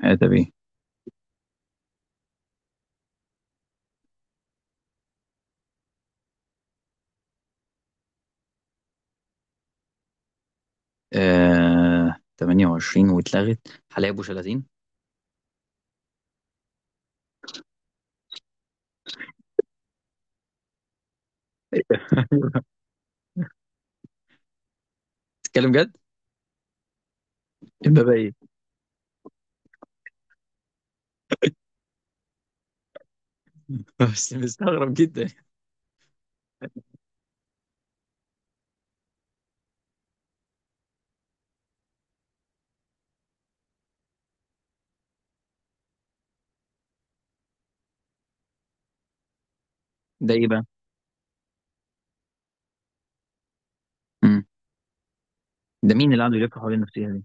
ادبي. آه، 28 واتلغت حلايب ابو شلاتين. تتكلم جد؟ امبابة ايه؟ بس مستغرب جدا. ده ايه بقى؟ مم. ده مين اللي قعدوا يلفوا حوالين النفسيه دي؟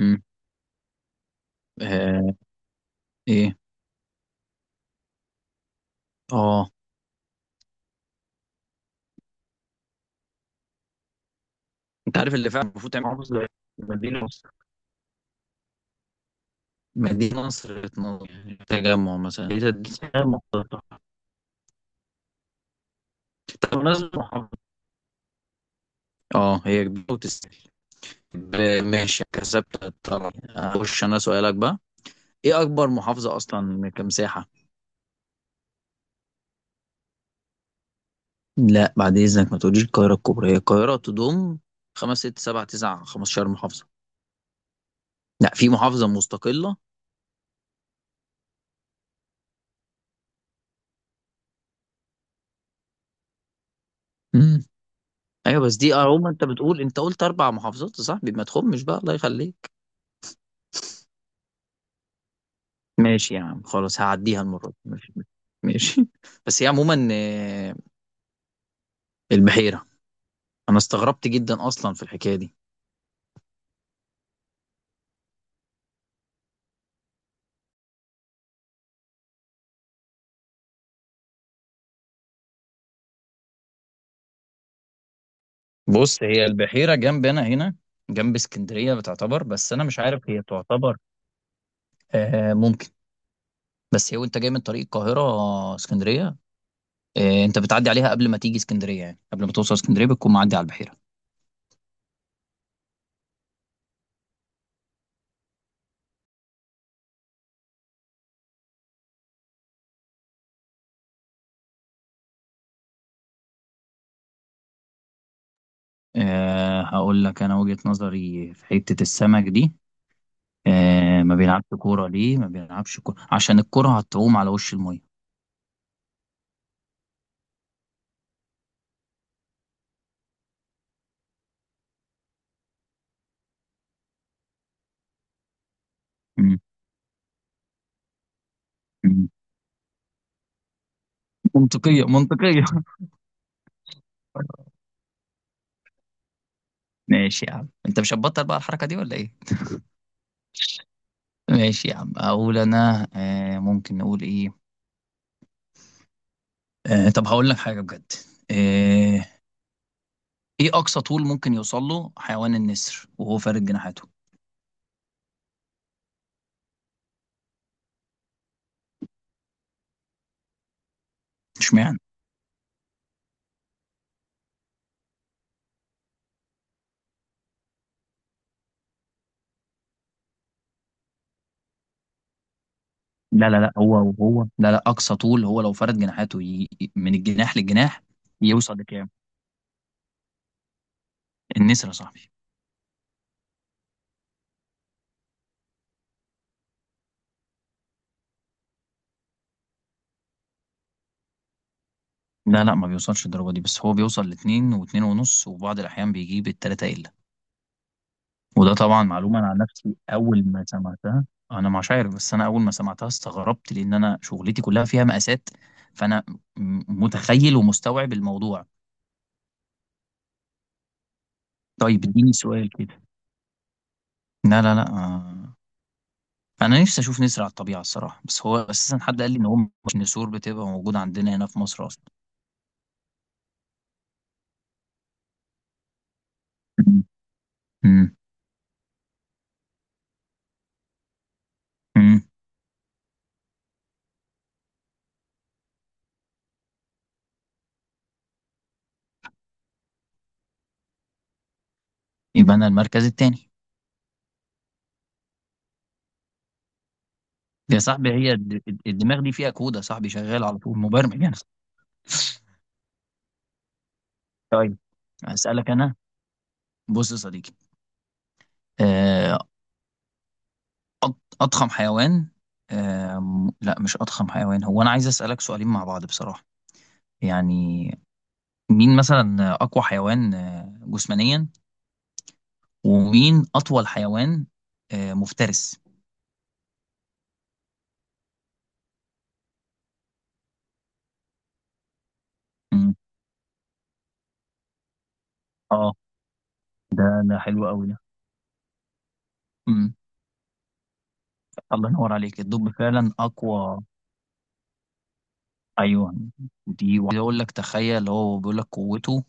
مم. آه. ايه؟ اه. انت عارف اللي فعلا المفروض تعمل محافظ ده، مدينه نصر. مدينه نصر تنور، يعني تجمع مثلا، دي تجمع مختلطة. طب نازل محافظ. اه هي كبيره وتستاهل. ماشي كسبت الطلب، اخش انا سؤالك بقى. ايه اكبر محافظه اصلا كمساحه؟ لا بعد إذنك ما تقوليش القاهرة الكبرى، هي القاهرة تضم خمس ست سبع تسع 15 محافظة. لا، في محافظة مستقلة. امم. ايوه بس دي اهو، ما انت بتقول، انت قلت اربع محافظات يا صاحبي، ما تخمش بقى الله يخليك. ماشي يا عم خلاص، هعديها المرة دي، ماشي. ماشي. بس هي عموما البحيرة. انا استغربت جدا اصلا في الحكاية دي. بص، هي البحيرة جنب انا هنا، جنب اسكندرية بتعتبر، بس انا مش عارف هي تعتبر. آه ممكن. بس هي وانت جاي من طريق القاهرة اسكندرية، إيه، انت بتعدي عليها قبل ما تيجي اسكندريه، يعني قبل ما توصل اسكندريه بتكون معدي على البحيره. أه هقول لك انا وجهه نظري في حته السمك دي. أه، ما بيلعبش كوره ليه؟ ما بيلعبش كوره عشان الكوره هتعوم على وش الميه. مم. مم. منطقيه منطقيه. ماشي يا عم، انت مش هتبطل بقى الحركه دي ولا ايه؟ ماشي يا عم، اقول انا أه ممكن نقول ايه. أه طب هقول لك حاجه بجد. أه. ايه اقصى طول ممكن يوصل له حيوان النسر وهو فارد جناحاته؟ اشمعنى؟ لا لا لا، هو لا لا، اقصى طول هو لو فرد جناحاته من الجناح للجناح، يوصل لكام؟ النسر يا صاحبي. لا لا، ما بيوصلش الدرجه دي، بس هو بيوصل لاتنين واتنين ونص، وبعض الاحيان بيجيب التلاته الا. وده طبعا معلومه، انا عن نفسي اول ما سمعتها انا مش عارف، بس انا اول ما سمعتها استغربت لان انا شغلتي كلها فيها مقاسات، فانا متخيل ومستوعب الموضوع. طيب اديني سؤال كده. لا لا لا. انا نفسي اشوف نسر على الطبيعه الصراحه، بس هو اساسا حد قال لي ان هو مش نسور بتبقى موجوده عندنا هنا في مصر اصلا. امم. امم. يبقى انا المركز التاني. يا صاحبي، هي الدماغ دي فيها كود يا صاحبي، شغال على طول مبرمج يعني. طيب. اسالك انا. بص يا صديقي، آه، أض- اضخم حيوان، لا مش اضخم حيوان، هو انا عايز اسالك سؤالين مع بعض بصراحه، يعني مين مثلا اقوى حيوان جسمانيا، ومين اطول حيوان مفترس. اه ده ده حلو قوي ده. امم. الله ينور عليك، الدب فعلا اقوى. ايوه. دي وعايز اقول لك تخيل، هو بيقول لك قوته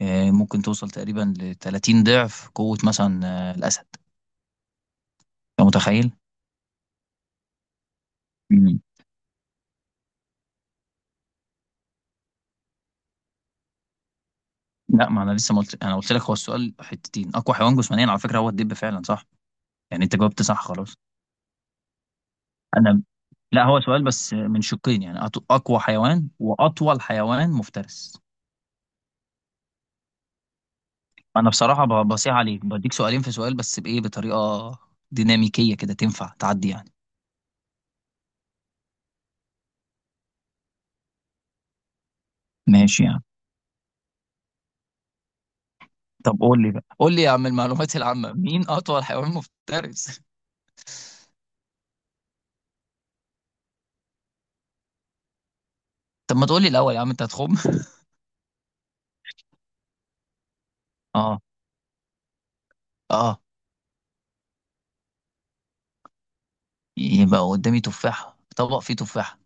ممكن توصل تقريبا ل 30 ضعف قوة مثلا الاسد. انت متخيل؟ امم. لا، ما انا لسه ما قلت، انا قلت لك هو السؤال حتتين، اقوى حيوان جسمانيا على فكرة هو الدب فعلا صح، يعني انت جاوبت صح خلاص. انا لا، هو سؤال بس من شقين، يعني اقوى حيوان واطول حيوان مفترس. انا بصراحه بصيح عليك بديك سؤالين في سؤال، بس بايه؟ بطريقه ديناميكيه كده تنفع تعدي يعني. ماشي يعني. طب قول لي بقى، قول لي يا عم المعلومات العامه، مين اطول حيوان مفترس؟ طب ما تقول لي الاول يا عم، انت هتخم. اه. اه. يبقى قدامي تفاحه، طبق فيه تفاحه.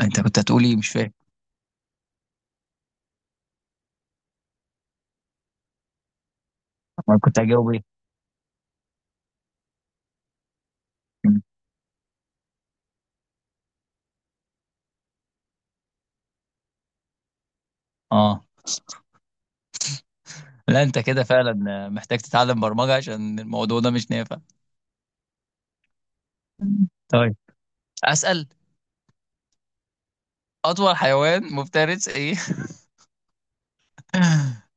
انت كنت هتقول ايه مش فاهم. انا كنت هجاوب ايه؟ م. اه. لا انت كده فعلا محتاج تتعلم برمجه، عشان الموضوع ده مش نافع. م. طيب. اسال. اطول حيوان مفترس ايه؟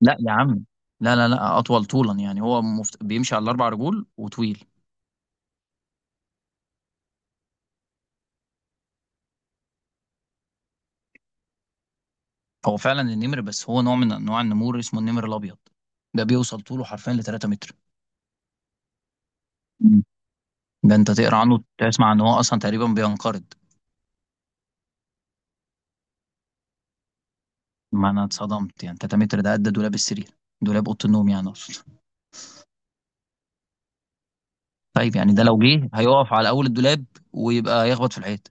لا يا عم. لا لا لا، اطول طولا، يعني هو بيمشي على الاربع رجول وطويل. هو فعلا النمر، بس هو نوع من انواع النمور اسمه النمر الابيض. ده بيوصل طوله حرفيا ل 3 متر. مم. ده انت تقرا عنه تسمع ان هو اصلا تقريبا بينقرض. ما انا اتصدمت، يعني 3 متر ده قد دولاب السرير، دولاب اوضه النوم يعني اقصد. طيب يعني ده لو جه هيقف على اول الدولاب ويبقى يخبط في الحيط.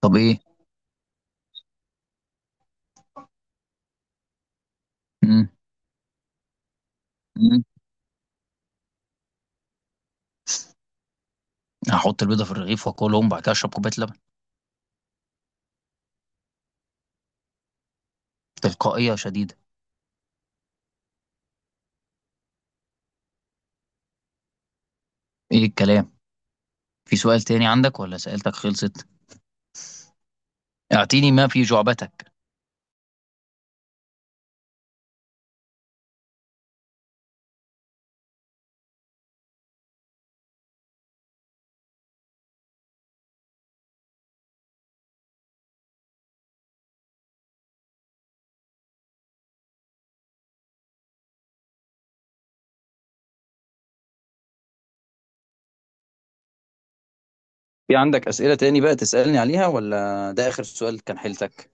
طب ايه؟ مم. مم. هحط البيضه في الرغيف واكلهم، وبعد كده اشرب كوبايه لبن. تلقائيه شديده. ايه الكلام. في سؤال تاني عندك ولا سألتك خلصت؟ اعطيني ما في جعبتك. في عندك أسئلة تاني بقى تسألني عليها ولا ده آخر سؤال كان حيلتك؟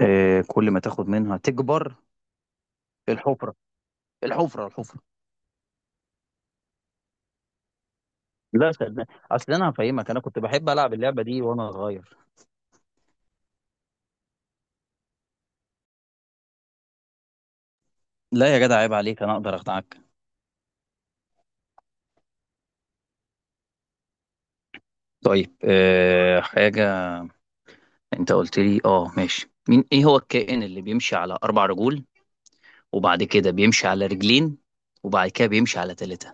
آه كل ما تاخد منها تكبر. الحفرة. الحفرة الحفرة. لا صدقني. أصل أنا هفهمك، أنا كنت بحب ألعب اللعبة دي وأنا صغير. لا يا جدع، عيب عليك، أنا أقدر أخدعك؟ طيب آه حاجة. أنت قلت لي أه ماشي، مين إيه هو الكائن اللي بيمشي على أربع رجول، وبعد كده بيمشي على رجلين، وبعد كده بيمشي على ثلاثة؟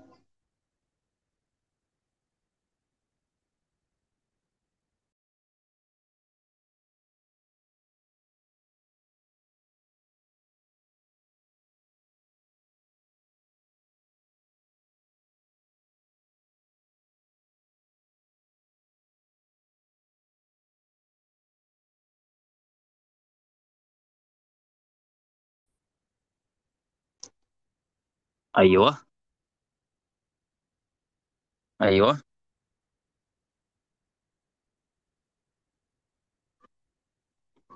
أيوه. أيوه.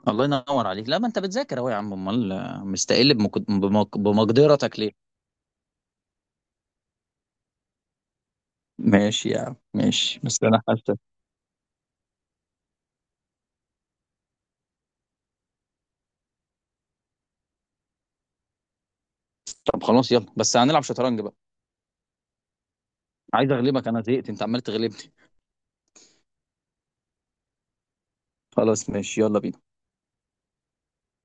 الله ينور عليك، لا ما انت بتذاكر اهو يا عم، امال مستقل بمقدرتك ليه؟ ماشي يا عم ماشي، بس انا حاسس. طب خلاص، يلا، بس هنلعب شطرنج بقى. عايز اغلبك انا، زهقت انت عمال تغلبني. خلاص ماشي، يلا بينا.